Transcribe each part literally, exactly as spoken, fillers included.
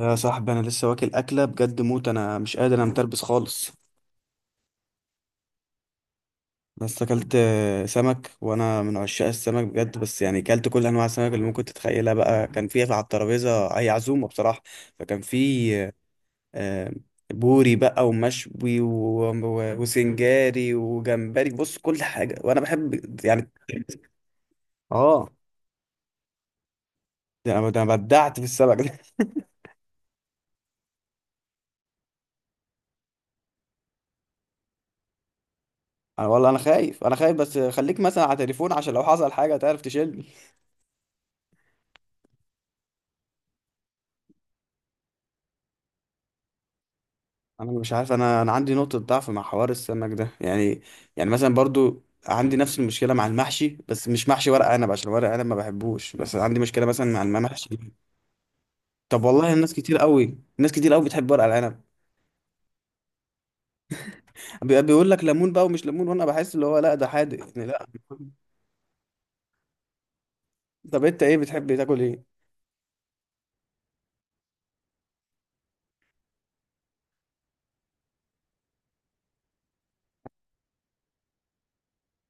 يا صاحبي، انا لسه واكل اكله بجد موت. انا مش قادر، انا متربس خالص. بس اكلت آه، سمك، وانا من عشاق السمك بجد. بس يعني اكلت كل انواع السمك اللي ممكن تتخيلها. بقى كان في على الترابيزه اي عزومه بصراحه. فكان في آه، بوري بقى ومشوي و- و- وسنجاري وجمبري. بص كل حاجه وانا بحب يعني. اه، ده انا ده أنا بدعت في السمك ده. أنا والله انا خايف انا خايف بس خليك مثلا على تليفون عشان لو حصل حاجه تعرف تشيل. انا مش عارف، انا انا عندي نقطه ضعف مع حوار السمك ده يعني. يعني مثلا برضو عندي نفس المشكله مع المحشي، بس مش محشي ورق عنب عشان ورق عنب ما بحبوش، بس عندي مشكله مثلا مع المحشي. طب والله الناس كتير قوي، ناس كتير قوي بتحب ورق العنب. بي- بيقول لك ليمون بقى ومش ليمون، وانا بحس اللي هو لا، ده حادق يعني، لا. طب انت ايه بتحب تاكل؟ ايه؟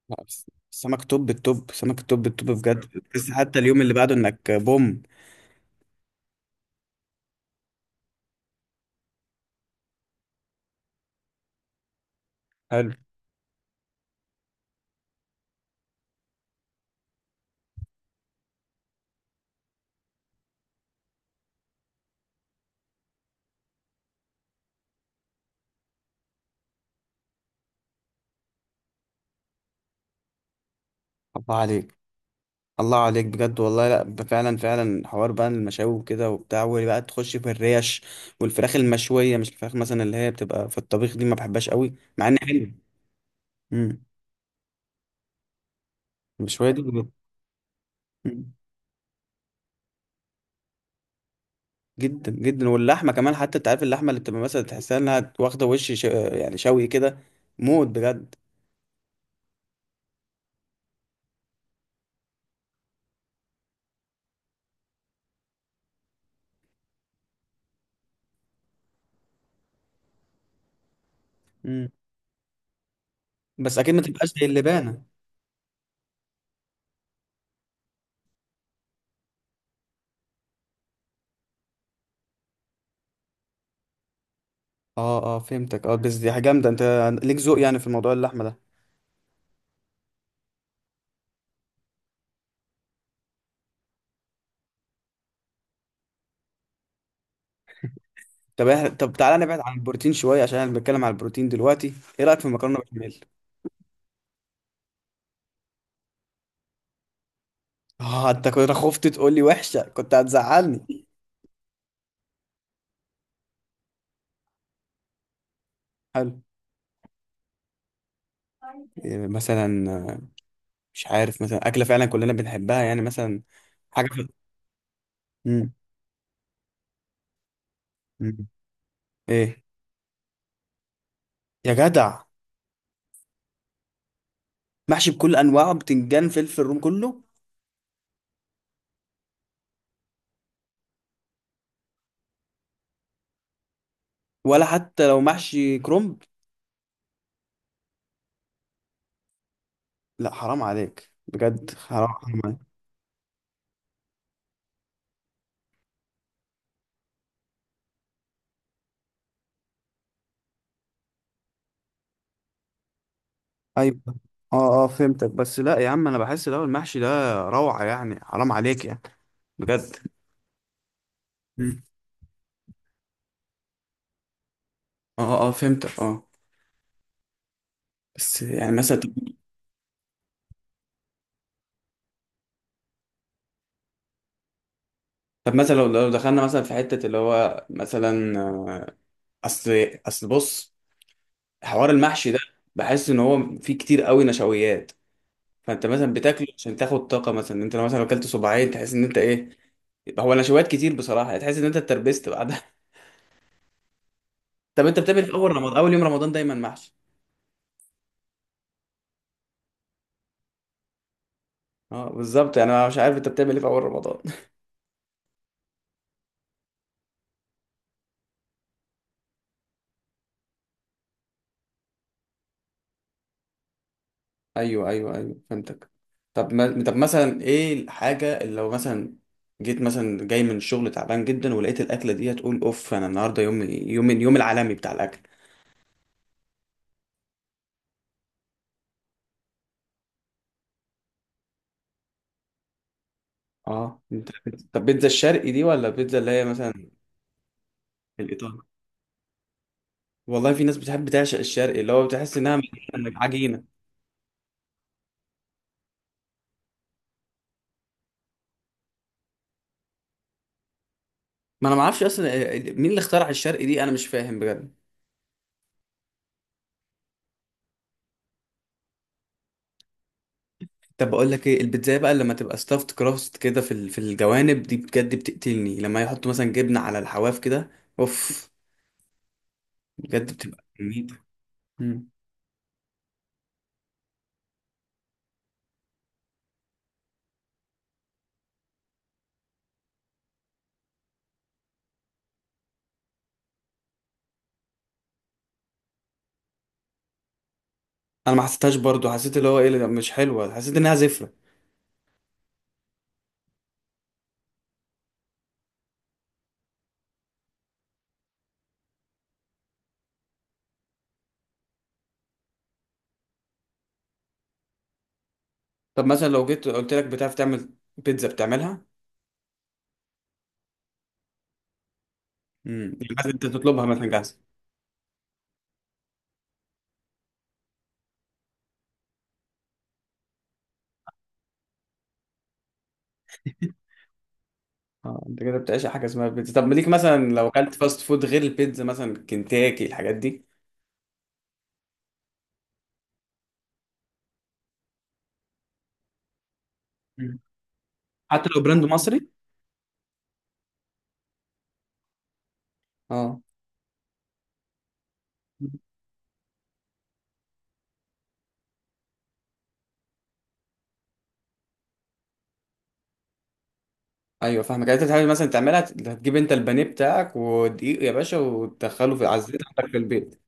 لا بس سمك توب التوب، سمك التوب التوب بجد بس حتى اليوم اللي بعده انك بوم. حلو. الله عليك، الله عليك بجد والله. لا، ب- فعلا فعلا حوار بقى المشاوي وكده وبتاع، وبقى تخش في الريش. والفراخ المشوية، مش الفراخ مثلا اللي هي بتبقى في الطبيخ دي، ما بحبهاش قوي مع ان حلو. امم. المشوية دي بجد. مم. جدا جدا. واللحمة كمان، حتى انت عارف اللحمة اللي بتبقى مثلا تحسها انها واخدة وش ش... يعني شوي كده، موت بجد. امم. بس اكيد ما تبقاش زي اللبانة. اه اه فهمتك، اه. بس دي حاجة جامدة، انت ليك ذوق يعني في موضوع اللحمة ده. طب إحنا- طب تعالى نبعد عن البروتين شوية عشان احنا بنتكلم عن البروتين دلوقتي. ايه رأيك في المكرونة بالبشاميل؟ اه، انت كنت خفت تقول لي وحشه، كنت هتزعلني. حلو. إيه مثلا؟ آه، مش عارف مثلا اكله فعلا كلنا بنحبها يعني مثلا. حاجه في... مم. مم. ايه؟ يا جدع، محشي بكل انواعه، بتنجان، فلفل روم، كله. ولا حتى لو محشي كرنب؟ لا حرام عليك بجد، حرام حرام عليك. ايوه. اه اه فهمتك، بس لا يا عم انا بحس لو المحشي ده روعه، يعني حرام عليك يعني، بجد. مم. اه اه آه، فهمتك، اه. بس يعني مثلا. طب مثلا لو لو دخلنا مثلا في حتة اللي هو مثلا آه، اصل، اصل بص، حوار المحشي ده، بحس ان هو فيه كتير قوي نشويات. فانت مثلا بتاكله عشان تاخد طاقة. مثلا انت لو مثلا اكلت صباعين تحس ان انت ايه، هو نشويات كتير بصراحة. يعني تحس ان انت اتربست بعدها طب انت بتعمل إيه في اول رمضان؟ اول يوم رمضان دايما محشي. اه بالظبط يعني. انا مش عارف انت بتعمل ايه في اول رمضان. ايوه ايوه ايوه فهمتك. طب ما... طب مثلا ايه الحاجه اللي لو مثلا جيت مثلا جاي من الشغل تعبان جدا ولقيت الاكله دي، هتقول اوف، انا النهارده يوم يوم اليوم العالمي بتاع الاكل. اه انت. طب بيتزا الشرقي دي ولا بيتزا اللي هي مثلا الايطالي؟ والله في ناس بتحب تعشق الشرقي اللي هو بتحس انها مليانة عجينه ما انا ما اعرفش اصلا آه، مين اللي اخترع الشرقي دي، انا مش فاهم بجد. طب بقول لك ايه، البيتزا بقى لما تبقى ستافت كراست كده في ال- في الجوانب دي بجد بتقتلني لما يحطوا مثلا جبنه على الحواف كده، اوف، بجد بتبقى جميلة. مم. انا ما حسيتهاش برضو، حسيت اللي هو ايه، لا، مش حلوه، حسيت انها زفره. طب مثلا لو جيت قلت لك بتعرف تعمل بيتزا، بتعملها؟ امم، يعني مثلا انت تطلبها مثلا جاهزه. اه انت كده بتعيش على حاجه اسمها بيتزا. طب ليك مثلا لو اكلت فاست فود غير البيتزا، مثلا كنتاكي الحاجات دي؟ مم. حتى لو براند مصري؟ اه. ايوه فاهمك. يعني انت حاجه مثلا تعملها، هتجيب انت البانيه بتاعك ودقيق يا باشا وتدخله في عزيت عندك في البيت.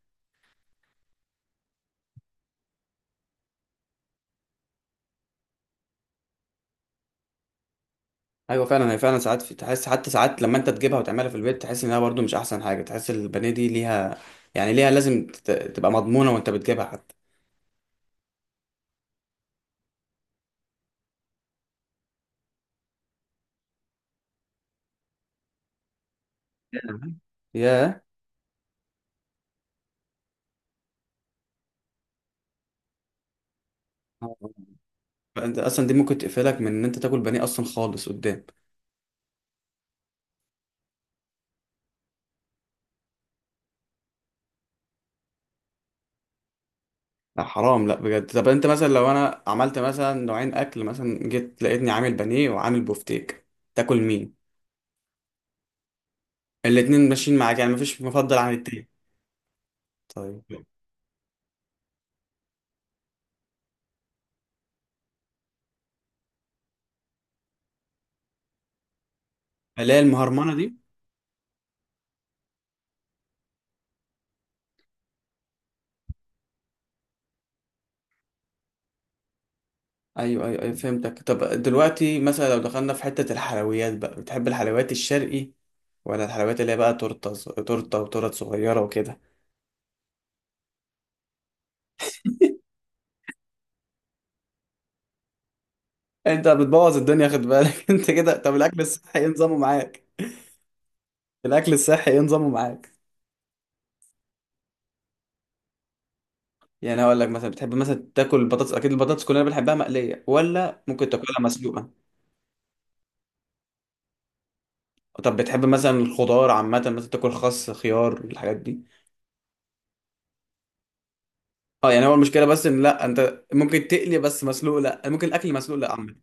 ايوه فعلا، هي فعلا ساعات في، تحس حتى ساعات لما انت تجيبها وتعملها في البيت تحس انها برضو مش احسن حاجه، تحس البانيه دي ليها، يعني ليها لازم تت- تبقى مضمونه وانت بتجيبها حتى. نعم. ياه. انت اصلا دي ممكن تقفلك من ان انت تاكل بانيه اصلا خالص قدام. لا حرام، لا بجد. طب انت مثلا لو انا عملت مثلا نوعين اكل، مثلا جيت لقيتني عامل بانيه وعامل بوفتيك، تاكل مين؟ الاتنين ماشيين معاك يعني؟ مفيش مفضل عن التاني؟ طيب. اللي هي المهرمانه دي. ايوه ايوه ايوه فهمتك. طب دلوقتي مثلا لو دخلنا في حتة الحلويات بقى، بتحب الحلويات الشرقي ولا الحلويات اللي هي بقى تورته، ص- تورته وتورت صغيرة وكده؟ انت بتبوظ الدنيا خد بالك انت كده. طب الاكل الصحي ايه نظامه معاك؟ الاكل الصحي ايه نظامه معاك؟ يعني هقول لك مثلا بتحب مثلا تاكل البطاطس، اكيد البطاطس كلنا بنحبها مقلية، ولا ممكن تاكلها مسلوقة؟ طب بتحب مثلا الخضار عامة، مثلا تاكل خس خيار الحاجات دي؟ اه يعني هو المشكلة بس ان لا، انت ممكن تقلي بس مسلوق لا، ممكن الاكل مسلوق لا عامة.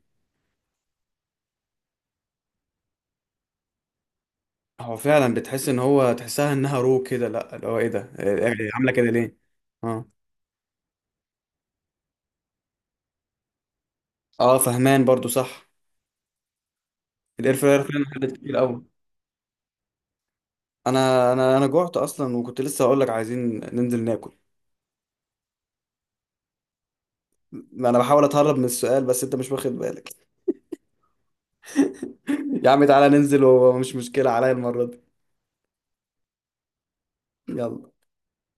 هو فعلا بتحس ان هو، تحسها انها رو كده، لا اللي هو ايه ده، إيه- إيه إيه، عامله كده ليه؟ اه اه فهمان برضو، صح. الاير فراير فعلا حدد كتير قوي. انا انا انا جوعت اصلا وكنت لسه هقول لك عايزين ننزل ناكل. انا بحاول اتهرب من السؤال بس انت مش واخد بالك يا عم تعالى ننزل ومش مشكله عليا المره دي. يلا.